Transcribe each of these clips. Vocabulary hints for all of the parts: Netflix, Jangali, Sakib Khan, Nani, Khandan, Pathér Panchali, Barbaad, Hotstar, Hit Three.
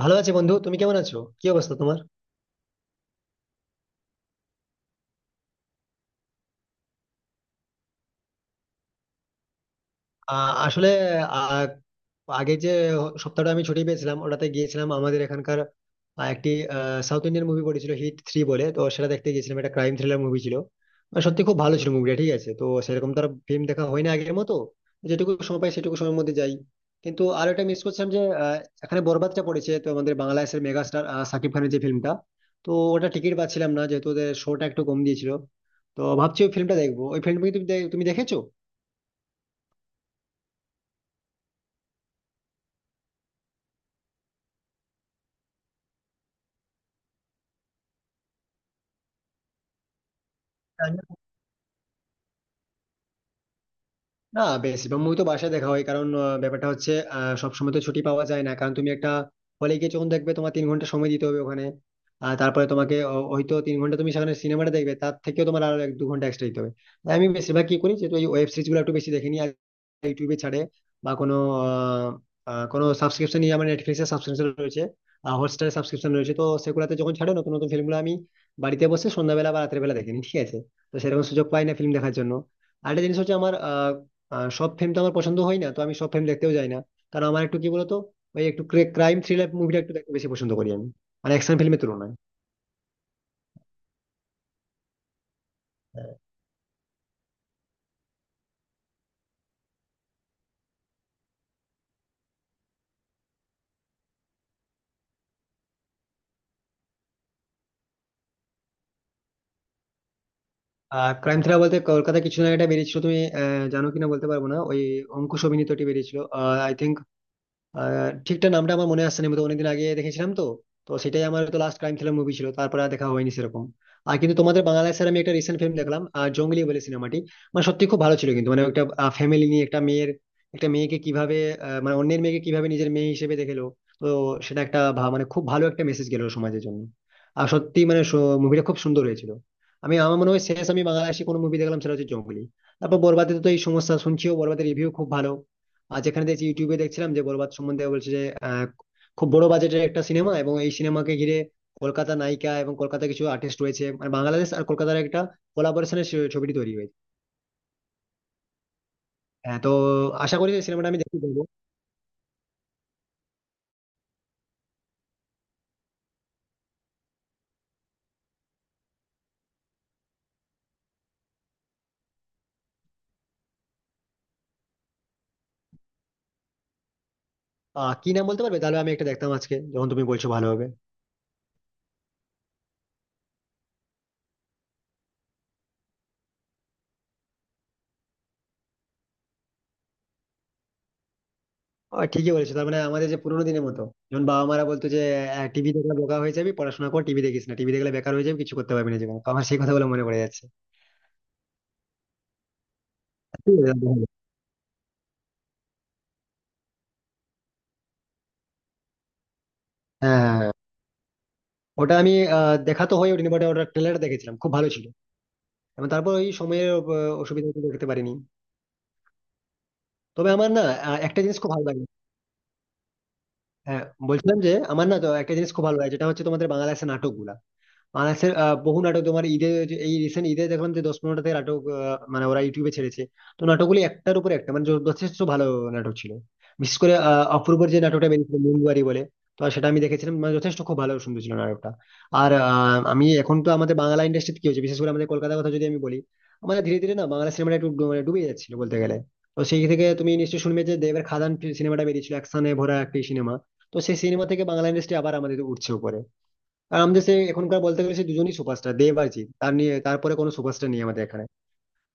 ভালো আছি বন্ধু তুমি কেমন আছো? কি অবস্থা তোমার? আসলে আহ, আগে যে সপ্তাহটা আমি ছুটি পেয়েছিলাম ওটাতে গিয়েছিলাম আমাদের এখানকার একটি সাউথ ইন্ডিয়ান মুভি পড়েছিল হিট থ্রি বলে, তো সেটা দেখতে গিয়েছিলাম। একটা ক্রাইম থ্রিলার মুভি ছিল, আর সত্যি খুব ভালো ছিল মুভিটা। ঠিক আছে, তো সেরকম তার ফিল্ম দেখা হয় না আগের মতো। যেটুকু সময় পাই সেটুকু সময়ের মধ্যে যাই। কিন্তু আর একটা মিস করছিলাম যে এখানে বরবাদটা পড়েছে, তো আমাদের বাংলাদেশের মেগা স্টার সাকিব খানের যে ফিল্মটা, তো ওটা টিকিট পাচ্ছিলাম না যেহেতু ওদের শোটা একটু কম দিয়েছিল। তো ভাবছি ওই ফিল্মটা দেখবো। ওই ফিল্ম তুমি দেখেছো? না, বেশিরভাগ মুভি তো বাসায় দেখা হয় কারণ ব্যাপারটা হচ্ছে, সবসময় তো ছুটি পাওয়া যায় না। কারণ তুমি একটা হলে গিয়ে যখন দেখবে তোমার 3 ঘন্টা সময় দিতে হবে ওখানে। আর তারপরে তোমাকে হয়তো 3 ঘন্টা তুমি সেখানে সিনেমাটা দেখবে, তার থেকেও তোমার আরো এক দু ঘন্টা এক্সট্রা দিতে হবে। তাই আমি বেশিরভাগ কি করি, যেহেতু এই ওয়েব সিরিজ গুলো একটু বেশি দেখে নিই আর ইউটিউবে ছাড়ে বা কোনো আহ, কোনো সাবস্ক্রিপশন নিয়ে, আমার নেটফ্লিক্স এর সাবস্ক্রিপশন রয়েছে, হটস্টারের সাবস্ক্রিপশন রয়েছে, তো সেগুলোতে যখন ছাড়ে নতুন নতুন ফিল্মগুলো আমি বাড়িতে বসে সন্ধ্যাবেলা বা রাতের বেলা দেখিনি। ঠিক আছে, তো সেরকম সুযোগ পাই না ফিল্ম দেখার জন্য। আরেকটা জিনিস হচ্ছে আমার সব ফিল্ম তো আমার পছন্দ হয় না, তো আমি সব ফিল্ম দেখতেও যাই না। কারণ আমার একটু, কি বলতো, ওই একটু ক্রাইম থ্রিলার মুভিটা একটু দেখতে বেশি পছন্দ করি আমি, মানে অ্যাকশন ফিল্মের তুলনায়। আর ক্রাইম থ্রিলার বলতে কলকাতা কিছু না, একটা বেরিয়েছিল, তুমি জানো কিনা বলতে পারবো না, ওই অঙ্কুশ অভিনীত, এটি বেরিয়েছিল আই থিঙ্ক। আহ, ঠিকঠাক নামটা আমার মনে আসছে না, আমি তো অনেকদিন আগে দেখেছিলাম। তো তো সেটাই আমার তো লাস্ট ক্রাইম থ্রিলার মুভি ছিল, তারপরে আর দেখা হয়নি সেরকম। আর কিন্তু তোমাদের বাংলায় স্যার আমি একটা রিসেন্ট ফিল্ম দেখলাম, জঙ্গলি বলে সিনেমাটি। মানে সত্যি খুব ভালো ছিল, কিন্তু মানে একটা ফ্যামিলি নিয়ে, একটা মেয়ের, একটা মেয়েকে কিভাবে মানে অন্যের মেয়েকে কিভাবে নিজের মেয়ে হিসেবে দেখেলো। তো সেটা একটা মানে খুব ভালো একটা মেসেজ গেল সমাজের জন্য। আর সত্যি মানে মুভিটা খুব সুন্দর হয়েছিল। আমি, আমার মনে হয় শেষ আমি বাংলাদেশি কোনো মুভি দেখলাম সেটা হচ্ছে জঙ্গলি। তারপর বরবাদে তো এই সমস্যা, শুনছিও বরবাদের রিভিউ খুব ভালো। আর যেখানে দেখছি, ইউটিউবে দেখছিলাম যে বরবাদ সম্বন্ধে বলছে যে আহ, খুব বড় বাজেটের একটা সিনেমা, এবং এই সিনেমাকে ঘিরে কলকাতা নায়িকা এবং কলকাতা কিছু আর্টিস্ট রয়েছে, মানে বাংলাদেশ আর কলকাতার একটা কোলাবোরেশনের ছবিটি তৈরি হয়েছে। হ্যাঁ, তো আশা করি এই সিনেমাটা আমি দেখতে পাবো। আহ, কি নাম বলতে পারবে? তাহলে আমি একটা দেখতাম আজকে, যখন তুমি বলছো ভালো হবে। আহ, ঠিকই বলেছো। তার মানে আমাদের যে পুরোনো দিনের মতো, যখন বাবা মারা বলতো যে টিভি দেখলে বোকা হয়ে যাবি, পড়াশোনা কর, টিভি দেখিস না, টিভি দেখলে বেকার হয়ে যাবে, কিছু করতে পারবি না জীবনে, তো আমার সেই কথাগুলো মনে পড়ে যাচ্ছে। ঠিক আছে। হ্যাঁ, ওটা আমি দেখা তো হয়নি, বাট ওটা ট্রেলার দেখেছিলাম খুব ভালো ছিল। এবং তারপর ওই সময়ের অসুবিধা একটু দেখতে পারিনি। তবে আমার না একটা জিনিস খুব ভালো লাগে। হ্যাঁ, বলছিলাম যে আমার না তো একটা জিনিস খুব ভালো লাগে, যেটা হচ্ছে তোমাদের বাংলা বাংলাদেশের নাটকগুলা। মানাসের বহু নাটক তোমার ঈদে, এই রিসেন্ট ঈদে দেখলাম যে 10-15টা থেকে নাটক, মানে ওরা ইউটিউবে ছেড়েছে। তো নাটকগুলি একটার উপর একটা মানে যথেষ্ট ভালো নাটক ছিল। বিশেষ করে অপূর্বর যে নাটকটা বেরিয়েছিল মুনবাড়ি বলে, তো সেটা আমি দেখেছিলাম। মানে যথেষ্ট খুব ভালো সুন্দর ছিল নাটকটা। আর আমি এখন তো আমাদের বাংলা ইন্ডাস্ট্রিতে কি হচ্ছে, বিশেষ করে আমাদের কলকাতার কথা যদি আমি বলি, আমাদের ধীরে ধীরে না বাংলা সিনেমাটা একটু মানে ডুবে যাচ্ছিল বলতে গেলে। তো সেই থেকে তুমি নিশ্চয়ই শুনবে যে দেবের খাদান সিনেমাটা বেরিয়েছিল, অ্যাকশনে ভরা একটি সিনেমা। তো সেই সিনেমা থেকে বাংলা ইন্ডাস্ট্রি আবার আমাদের উঠছে উপরে। আর আমাদের সে এখনকার বলতে গেলে সে দুজনই সুপারস্টার, দেব আর জিৎ, তার নিয়ে তারপরে কোনো সুপারস্টার নেই আমাদের এখানে।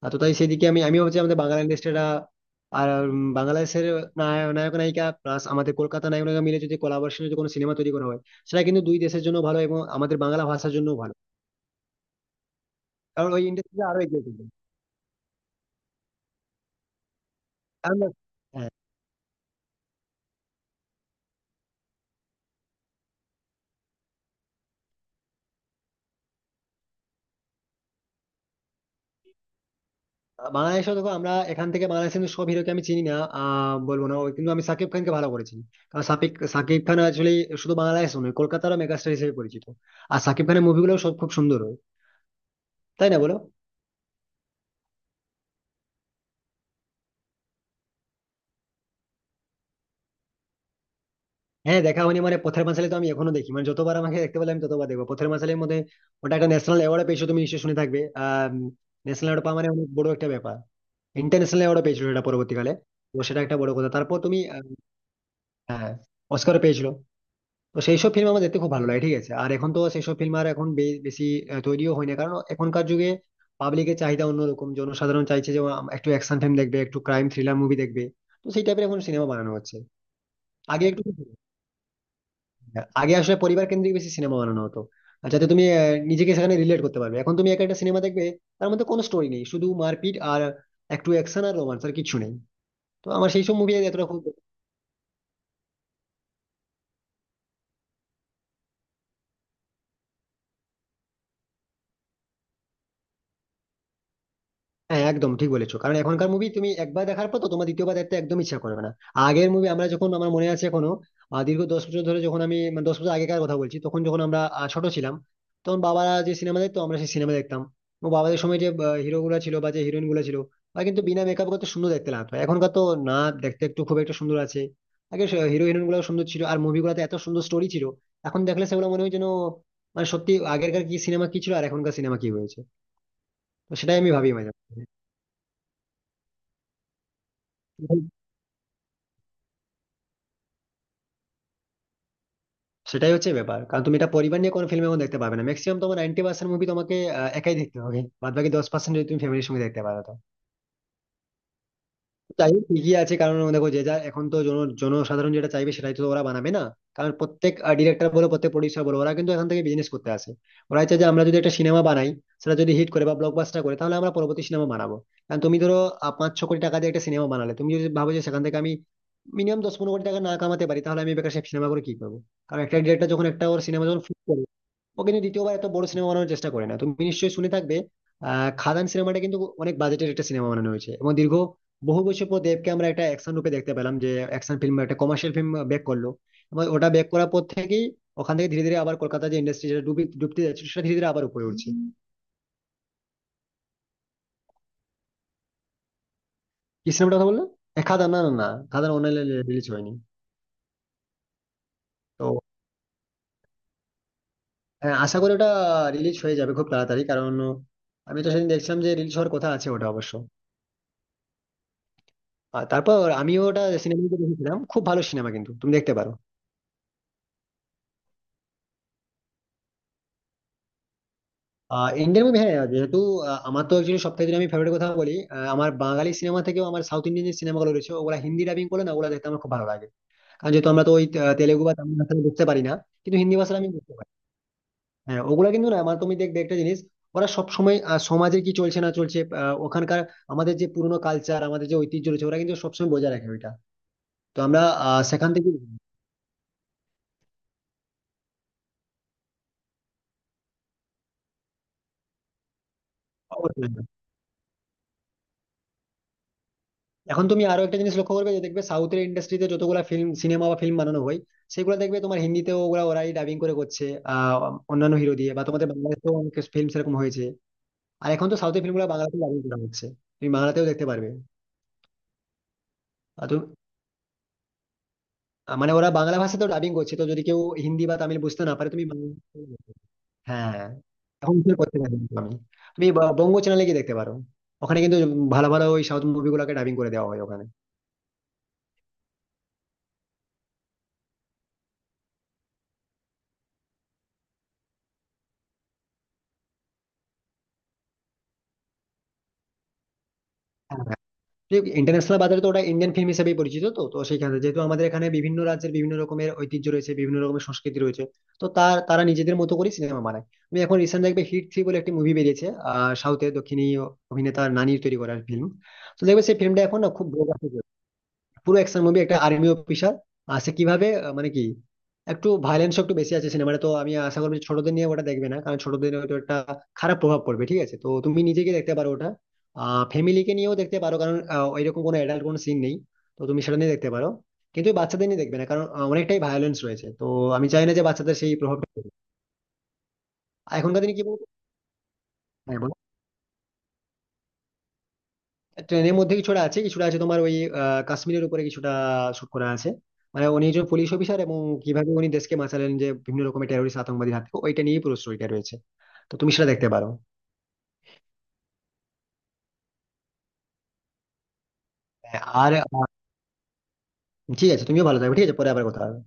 আর তো তাই সেদিকে আমি আমি ভাবছি আমাদের বাংলা ইন্ডাস্ট্রিটা। আর বাংলাদেশের নায়ক নায়িকা প্লাস আমাদের কলকাতা নায়ক নায়িকা মিলে যদি কোলাবোরেশনে যদি কোনো সিনেমা তৈরি করা হয়, সেটা কিন্তু দুই দেশের জন্য ভালো এবং আমাদের বাংলা ভাষার জন্য ভালো। কারণ ওই ইন্ডাস্ট্রিটা আরো এগিয়ে চলবে। কারণ, হ্যাঁ। বাংলাদেশে দেখো, আমরা এখান থেকে বাংলাদেশের কিন্তু সব হিরোকে আমি চিনি না, আহ, বলবো না ওই, কিন্তু আমি সাকিব খানকে ভালো করে চিনি। কারণ সাকিব সাকিব খান আসলে শুধু বাংলাদেশ নয়, কলকাতারও মেগাস্টার হিসেবে পরিচিত। আর সাকিব খানের মুভিগুলো সব খুব সুন্দর হয়, তাই না বলো? হ্যাঁ, দেখা হয়নি মানে, পথের পাঁচালী তো আমি এখনো দেখি, মানে যতবার আমাকে দেখতে পেলে আমি ততবার দেখবো পথের পাঁচালীর মধ্যে। ওটা একটা ন্যাশনাল অ্যাওয়ার্ড পেয়েছো তুমি নিশ্চয়ই শুনে থাকবে। আহ, ন্যাশনাল অ্যাওয়ার্ড পাওয়া মানে অনেক বড় একটা ব্যাপার। ইন্টারন্যাশনাল অ্যাওয়ার্ড পেয়েছিল এটা পরবর্তীকালে। তো সেটা একটা বড় কথা। তারপর তুমি হ্যাঁ, অস্কার পেয়েছিল। তো সেই সব ফিল্ম আমার দেখতে খুব ভালো লাগে। ঠিক আছে, আর এখন তো সেই সব ফিল্ম আর এখন বেশি তৈরিও হয় না, কারণ এখনকার যুগে পাবলিকের চাহিদা অন্যরকম। জনসাধারণ চাইছে যে একটু অ্যাকশন ফিল্ম দেখবে, একটু ক্রাইম থ্রিলার মুভি দেখবে। তো সেই টাইপের এখন সিনেমা বানানো হচ্ছে। আগে একটু আগে আসলে পরিবার কেন্দ্রিক বেশি সিনেমা বানানো হতো, আর যাতে তুমি নিজেকে সেখানে রিলেট করতে পারবে। এখন তুমি একা একটা সিনেমা দেখবে, তার মধ্যে কোনো স্টোরি নেই, শুধু মারপিট আর একটু অ্যাকশন আর রোমান্স, আর কিছু নেই। তো আমার সেই সব মুভি এতটা খুব। হ্যাঁ, একদম ঠিক বলেছো, কারণ এখনকার মুভি তুমি একবার দেখার পর তো তোমার দ্বিতীয়বার দেখতে একদম ইচ্ছা করবে না। আগের মুভি আমরা যখন, আমার মনে আছে এখনো, দীর্ঘ 10 বছর ধরে যখন আমি, মানে 10 বছর আগেকার কথা বলছি, তখন যখন আমরা ছোট ছিলাম, তখন বাবারা যে সিনেমা দেখতো আমরা সেই সিনেমা দেখতাম। এবং বাবাদের সময় যে হিরো গুলা ছিল বা যে হিরোইন গুলা ছিল, বা কিন্তু বিনা মেকআপ কত সুন্দর দেখতে লাগতো। এখনকার তো না, দেখতে একটু খুব একটা সুন্দর আছে। আগে হিরো হিরোইন গুলো সুন্দর ছিল আর মুভিগুলোতে এত সুন্দর স্টোরি ছিল, এখন দেখলে সেগুলো মনে হয় যেন, মানে সত্যি আগেরকার কি সিনেমা কি ছিল আর এখনকার সিনেমা কি হয়েছে। তো সেটাই আমি ভাবি মাঝে মাঝে। সেটাই হচ্ছে ব্যাপার, কারণ তুমি এটা পরিবার নিয়ে কোনো ফিল্ম এখন দেখতে পাবে না। ম্যাক্সিমাম তোমার 90% মুভি তোমাকে একাই দেখতে হবে, বাদ বাকি 10% যদি তুমি ফ্যামিলির সঙ্গে দেখতে পারো তো। তাই ঠিকই আছে, কারণ দেখো যে, যা এখন তো জনসাধারণ যেটা চাইবে সেটাই তো ওরা বানাবে না। কারণ প্রত্যেক ডিরেক্টর বলো, প্রত্যেক প্রডিউসার বলো, ওরা কিন্তু এখান থেকে বিজনেস করতে আসে। ওরা চাই যে আমরা যদি একটা সিনেমা বানাই, সেটা যদি হিট করে বা ব্লকবাস্টার করে, তাহলে আমরা পরবর্তী সিনেমা বানাবো। কারণ তুমি ধরো 5-6 কোটি টাকা দিয়ে একটা সিনেমা বানালে তুমি যদি ভাবো যে সেখান থেকে আমি মিনিমাম 10-15 কোটি টাকা না কামাতে পারি, তাহলে আমি বেকার সেই সিনেমা করে কি করবো। কারণ একটা ডিরেক্টর যখন একটা ওর সিনেমা যখন, ও কিন্তু দ্বিতীয়বার এত বড় সিনেমা বানানোর চেষ্টা করে না। তুমি নিশ্চয়ই শুনে থাকবে, আহ, খাদান সিনেমাটা কিন্তু অনেক বাজেটের একটা সিনেমা বানানো হয়েছে, এবং দীর্ঘ বহু বছর পর দেবকে আমরা একটা অ্যাকশন রূপে দেখতে পেলাম, যে অ্যাকশন ফিল্ম, একটা কমার্শিয়াল ফিল্ম ব্যাক করলো। এবং ওটা ব্যাক করার পর থেকেই ওখান থেকে ধীরে ধীরে আবার কলকাতা যে ইন্ডাস্ট্রি যেটা ডুবি ডুবতে যাচ্ছে সেটা ধীরে ধীরে আবার উপরে উঠছে। কি সিনেমাটা কথা বললে? এ, খাদান? না না না, খাদান অনলাইনে রিলিজ হয়নি। তো হ্যাঁ, আশা করি ওটা রিলিজ হয়ে যাবে খুব তাড়াতাড়ি, কারণ আমি তো সেদিন দেখছিলাম যে রিলিজ হওয়ার কথা আছে ওটা অবশ্য। আর তারপর আমিও ওটা সিনেমা দেখেছিলাম, খুব ভালো সিনেমা, কিন্তু তুমি দেখতে পারো। আহ, ইন্ডিয়ান মুভি, হ্যাঁ, যেহেতু আমার তো একচুয়ালি সব থেকে যদি আমি ফেভারিট কথা বলি, আমার বাঙালি সিনেমা থেকেও আমার সাউথ ইন্ডিয়ান যে সিনেমাগুলো রয়েছে, ওগুলা হিন্দি ডাবিং করে, না ওগুলা দেখতে আমার খুব ভালো লাগে। কারণ যেহেতু আমরা তো ওই তেলেগু বা তামিল ভাষা বুঝতে পারি না, কিন্তু হিন্দি ভাষা আমি বুঝতে পারি। হ্যাঁ, ওগুলা কিন্তু না, আমার তুমি দেখবে একটা জিনিস, ওরা সবসময় সমাজে কি চলছে না চলছে, ওখানকার আমাদের যে পুরনো কালচার, আমাদের যে ঐতিহ্য রয়েছে, ওরা কিন্তু সবসময় বজায় রাখে ওইটা। তো আমরা আহ, সেখান থেকে, অবশ্যই। এখন তুমি আরো একটা জিনিস লক্ষ্য করবে যে, দেখবে সাউথের ইন্ডাস্ট্রিতে যতগুলো ফিল্ম সিনেমা বা ফিল্ম বানানো হয়, সেগুলো দেখবে তোমার হিন্দিতেও ওগুলা ওরাই ডাবিং করে করছে আহ, অন্যান্য হিরো দিয়ে, বা তোমাদের বাংলাদেশেও অনেক ফিল্ম সেরকম হয়েছে। আর এখন তো সাউথের ফিল্মগুলো বাংলাতেও ডাবিং করা হচ্ছে, তুমি বাংলাতেও দেখতে পারবে। আর তুমি মানে ওরা বাংলা ভাষাতেও ডাবিং করছে, তো যদি কেউ হিন্দি বা তামিল বুঝতে না পারে তুমি বাংলা-, হ্যাঁ, এখন কি করতে পারবে না তুমি, তুমি বঙ্গ চ্যানেলে গিয়ে দেখতে পারো। ওখানে কিন্তু ভালো ভালো ওই সাউথ মুভিগুলোকে ডাবিং করে দেওয়া হয় ওখানে। হ্যাঁ, ইন্টারন্যাশনাল বাজারে তো ওটা ইন্ডিয়ান ফিল্ম হিসেবেই পরিচিত। তো তো সেখানে যেহেতু আমাদের এখানে বিভিন্ন রাজ্যের বিভিন্ন রকমের ঐতিহ্য রয়েছে, বিভিন্ন রকমের সংস্কৃতি রয়েছে, তো তারা নিজেদের মতো করে সিনেমা বানায়। তুমি এখন রিসেন্ট দেখবে হিট থ্রি বলে একটি মুভি বেরিয়েছে, আহ, সাউথের দক্ষিণী অভিনেতা নানির তৈরি করা ফিল্ম। তো দেখবে সেই ফিল্মটা এখন না খুব, পুরো অ্যাকশন মুভি, একটা আর্মি অফিসার, আর সে কিভাবে মানে কি, একটু ভায়োলেন্স একটু বেশি আছে সিনেমাটা, তো আমি আশা করবো যে ছোটদের নিয়ে ওটা দেখবে না, কারণ ছোটদের হয়তো একটা খারাপ প্রভাব পড়বে। ঠিক আছে, তো তুমি নিজেকে দেখতে পারো ওটা, আহ, ফ্যামিলিকে নিয়েও দেখতে পারো, কারণ ওইরকম কোনো অ্যাডাল্ট কোনো সিন নেই, তো তুমি সেটা নিয়ে দেখতে পারো। কিন্তু ওই বাচ্চাদের নিয়ে দেখবে না, কারণ অনেকটাই ভায়োলেন্স রয়েছে। তো আমি চাই না যে বাচ্চাদের সেই প্রভাবটা পড়ুক। আর এখনকার দিনে কি বলতো, হ্যাঁ বলো। ট্রেনের মধ্যে কিছুটা আছে, কিছুটা আছে তোমার ওই কাশ্মীরের উপরে কিছুটা শুট করা আছে। মানে উনি একজন পুলিশ অফিসার, এবং কিভাবে উনি দেশকে বাঁচালেন যে বিভিন্ন রকমের টেরোরিস্ট আতঙ্কবাদীর হাত থেকে, ওইটা নিয়ে পুরো স্টোরিটা রয়েছে। তো তুমি সেটা দেখতে পারো। হ্যাঁ, আর ঠিক আছে, তুমিও ভালো থাকবে। ঠিক আছে, পরে আবার কথা হবে।